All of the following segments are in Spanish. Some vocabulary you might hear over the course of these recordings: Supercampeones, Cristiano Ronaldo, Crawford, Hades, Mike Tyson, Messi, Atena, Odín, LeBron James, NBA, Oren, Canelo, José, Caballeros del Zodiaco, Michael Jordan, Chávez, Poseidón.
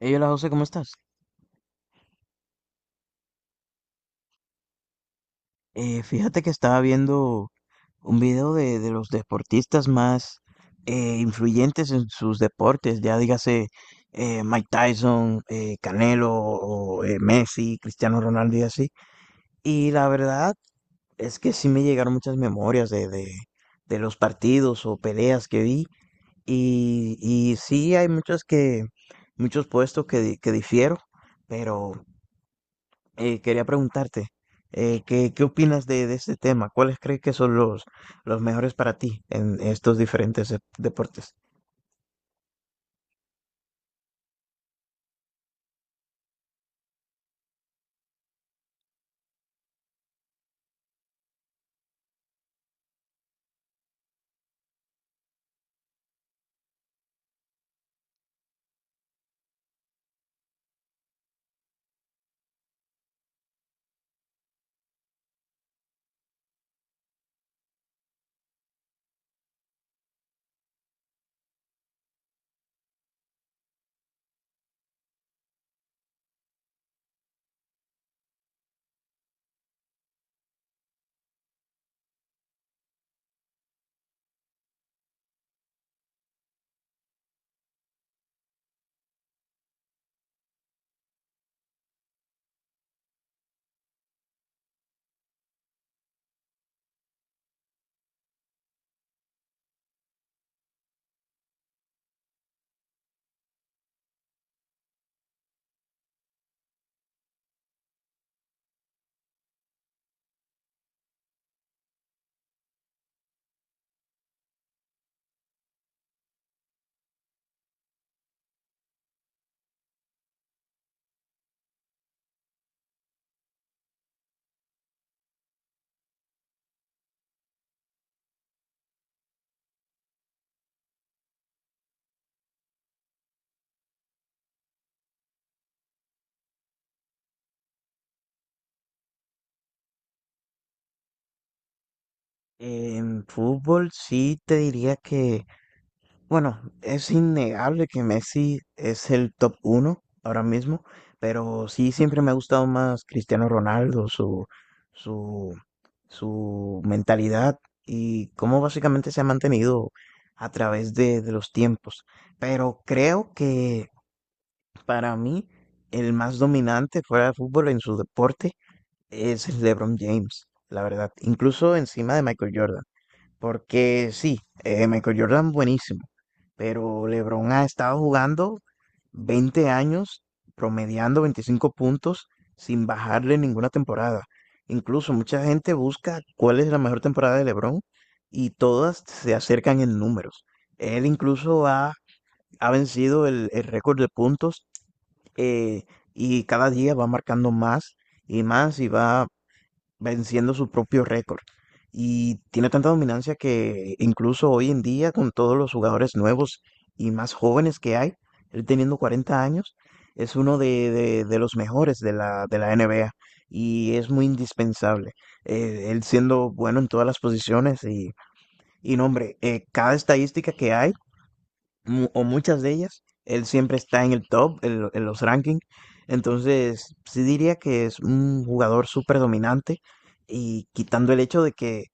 Hey, hola José, ¿cómo estás? Fíjate que estaba viendo un video de los deportistas más influyentes en sus deportes, ya dígase Mike Tyson, Canelo, o Messi, Cristiano Ronaldo y así. Y la verdad es que sí me llegaron muchas memorias de los partidos o peleas que vi. Y sí hay muchos puestos que difiero, pero quería preguntarte, ¿ qué opinas de este tema? ¿Cuáles crees que son los mejores para ti en estos diferentes deportes? En fútbol sí te diría que bueno, es innegable que Messi es el top uno ahora mismo, pero sí siempre me ha gustado más Cristiano Ronaldo, su, su mentalidad y cómo básicamente se ha mantenido a través de los tiempos. Pero creo que para mí, el más dominante fuera de fútbol en su deporte es el LeBron James, la verdad, incluso encima de Michael Jordan, porque sí, Michael Jordan buenísimo, pero LeBron ha estado jugando 20 años, promediando 25 puntos sin bajarle ninguna temporada. Incluso mucha gente busca cuál es la mejor temporada de LeBron y todas se acercan en números. Él ha vencido el récord de puntos eh, y cada día va marcando más y más y va venciendo su propio récord. Y tiene tanta dominancia que incluso hoy en día, con todos los jugadores nuevos y más jóvenes que hay, él teniendo 40 años, es uno de los mejores de de la NBA y es muy indispensable. Él siendo bueno en todas las posiciones y y, no, hombre, cada estadística que hay o muchas de ellas. Él siempre está en el top, en los rankings. Entonces, sí diría que es un jugador súper dominante y quitando el hecho de que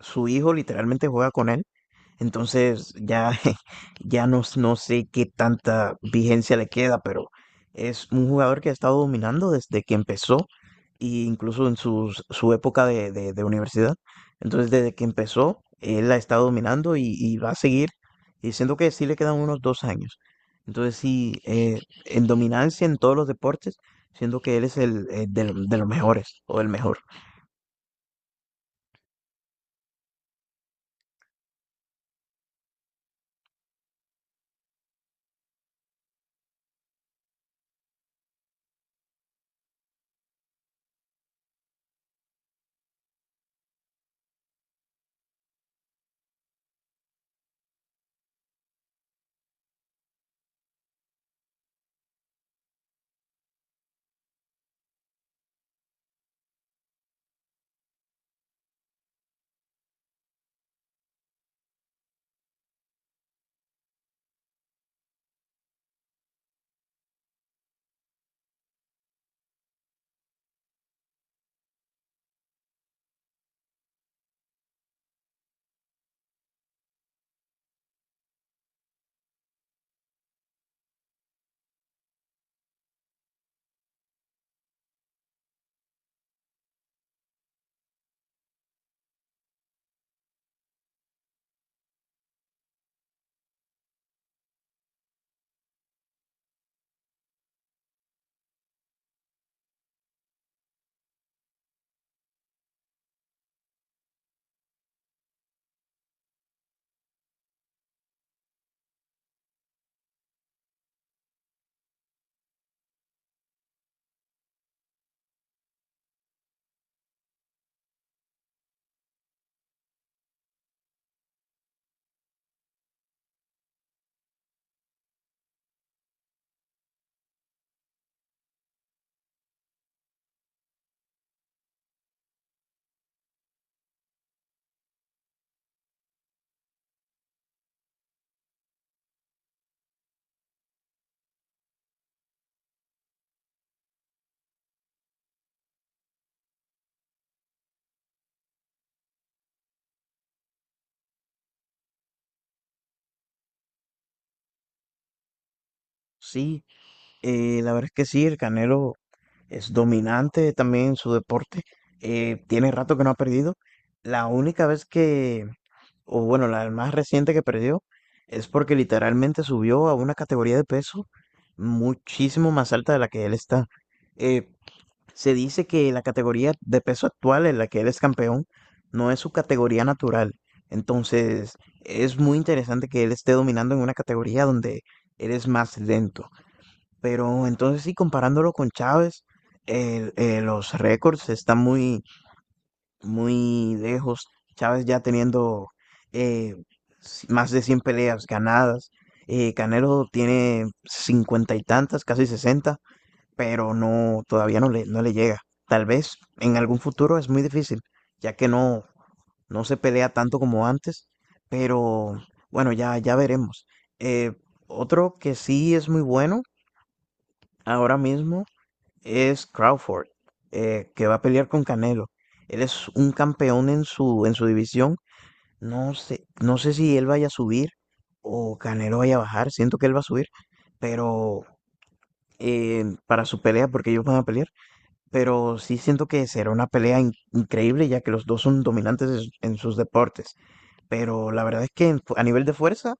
su hijo literalmente juega con él, entonces ya, no sé qué tanta vigencia le queda, pero es un jugador que ha estado dominando desde que empezó, e incluso en su época de universidad. Entonces desde que empezó, él ha estado dominando y va a seguir, y siento que sí le quedan unos dos años. Entonces sí, en dominancia en todos los deportes, siento que él es de los mejores o el mejor. Sí, la verdad es que sí, el Canelo. Es dominante también en su deporte. Tiene rato que no ha perdido. La única vez que, O bueno, la más reciente que perdió es porque literalmente subió a una categoría de peso muchísimo más alta de la que él está. Eh, Se dice que la categoría de peso actual en la que él es campeón no es su categoría natural. Entonces, es muy interesante que él esté dominando en una categoría donde él es más lento. Pero entonces sí, comparándolo con Chávez, los récords están muy lejos. Chávez ya teniendo eh, más de 100 peleas ganadas. Canelo tiene cincuenta y tantas, casi sesenta, pero no, todavía no no le llega. Tal vez en algún futuro es muy difícil, ya que no, no se pelea tanto como antes, pero bueno, ya veremos. Eh, Otro que sí es muy bueno ahora mismo es Crawford, que va a pelear con Canelo. Él es un campeón en en su división. No sé si él vaya a subir o Canelo vaya a bajar. Siento que él va a subir, pero para su pelea, porque ellos van a pelear. Pero sí siento que será una pelea increíble, ya que los dos son dominantes en sus deportes. Pero la verdad es que en a nivel de fuerza,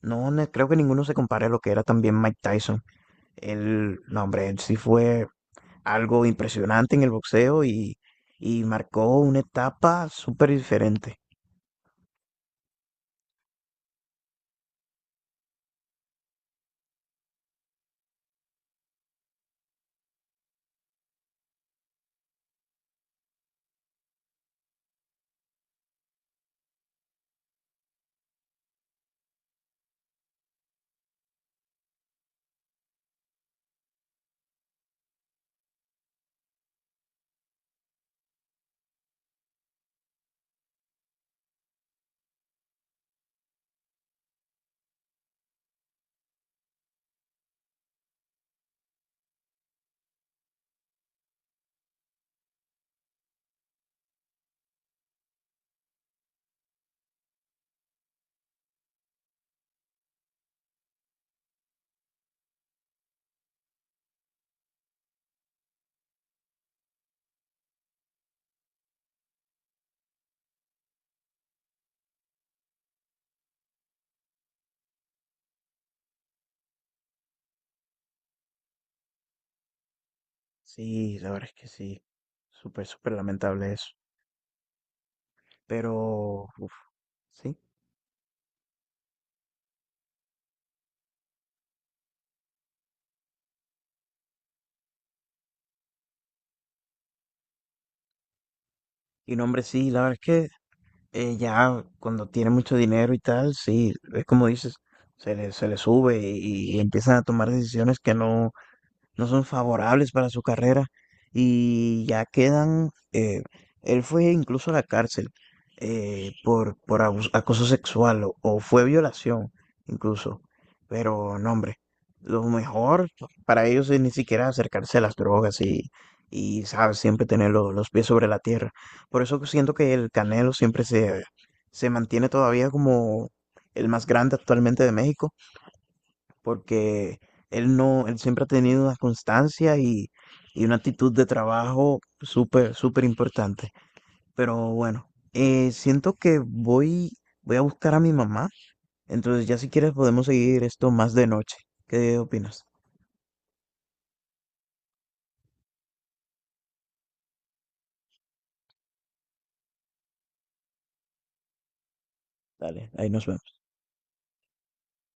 no ne- creo que ninguno se compare a lo que era también Mike Tyson. El, no, hombre, él sí fue algo impresionante en el boxeo y marcó una etapa súper diferente. Sí, la verdad es que sí, súper, súper lamentable eso. Pero, uf, sí. Y no, hombre, sí, la verdad es que ya cuando tiene mucho dinero y tal, sí, es como dices, se le sube y empiezan a tomar decisiones que no son favorables para su carrera y ya quedan, él fue incluso a la cárcel por, acoso sexual o fue violación incluso, pero no hombre, lo mejor para ellos es ni siquiera acercarse a las drogas y sabes, siempre tener los pies sobre la tierra. Por eso siento que el Canelo se mantiene todavía como el más grande actualmente de México porque él no, él siempre ha tenido una constancia y una actitud de trabajo súper, súper importante. Pero bueno, siento que voy a buscar a mi mamá, entonces ya si quieres podemos seguir esto más de noche. ¿Qué opinas? Dale, ahí nos vemos.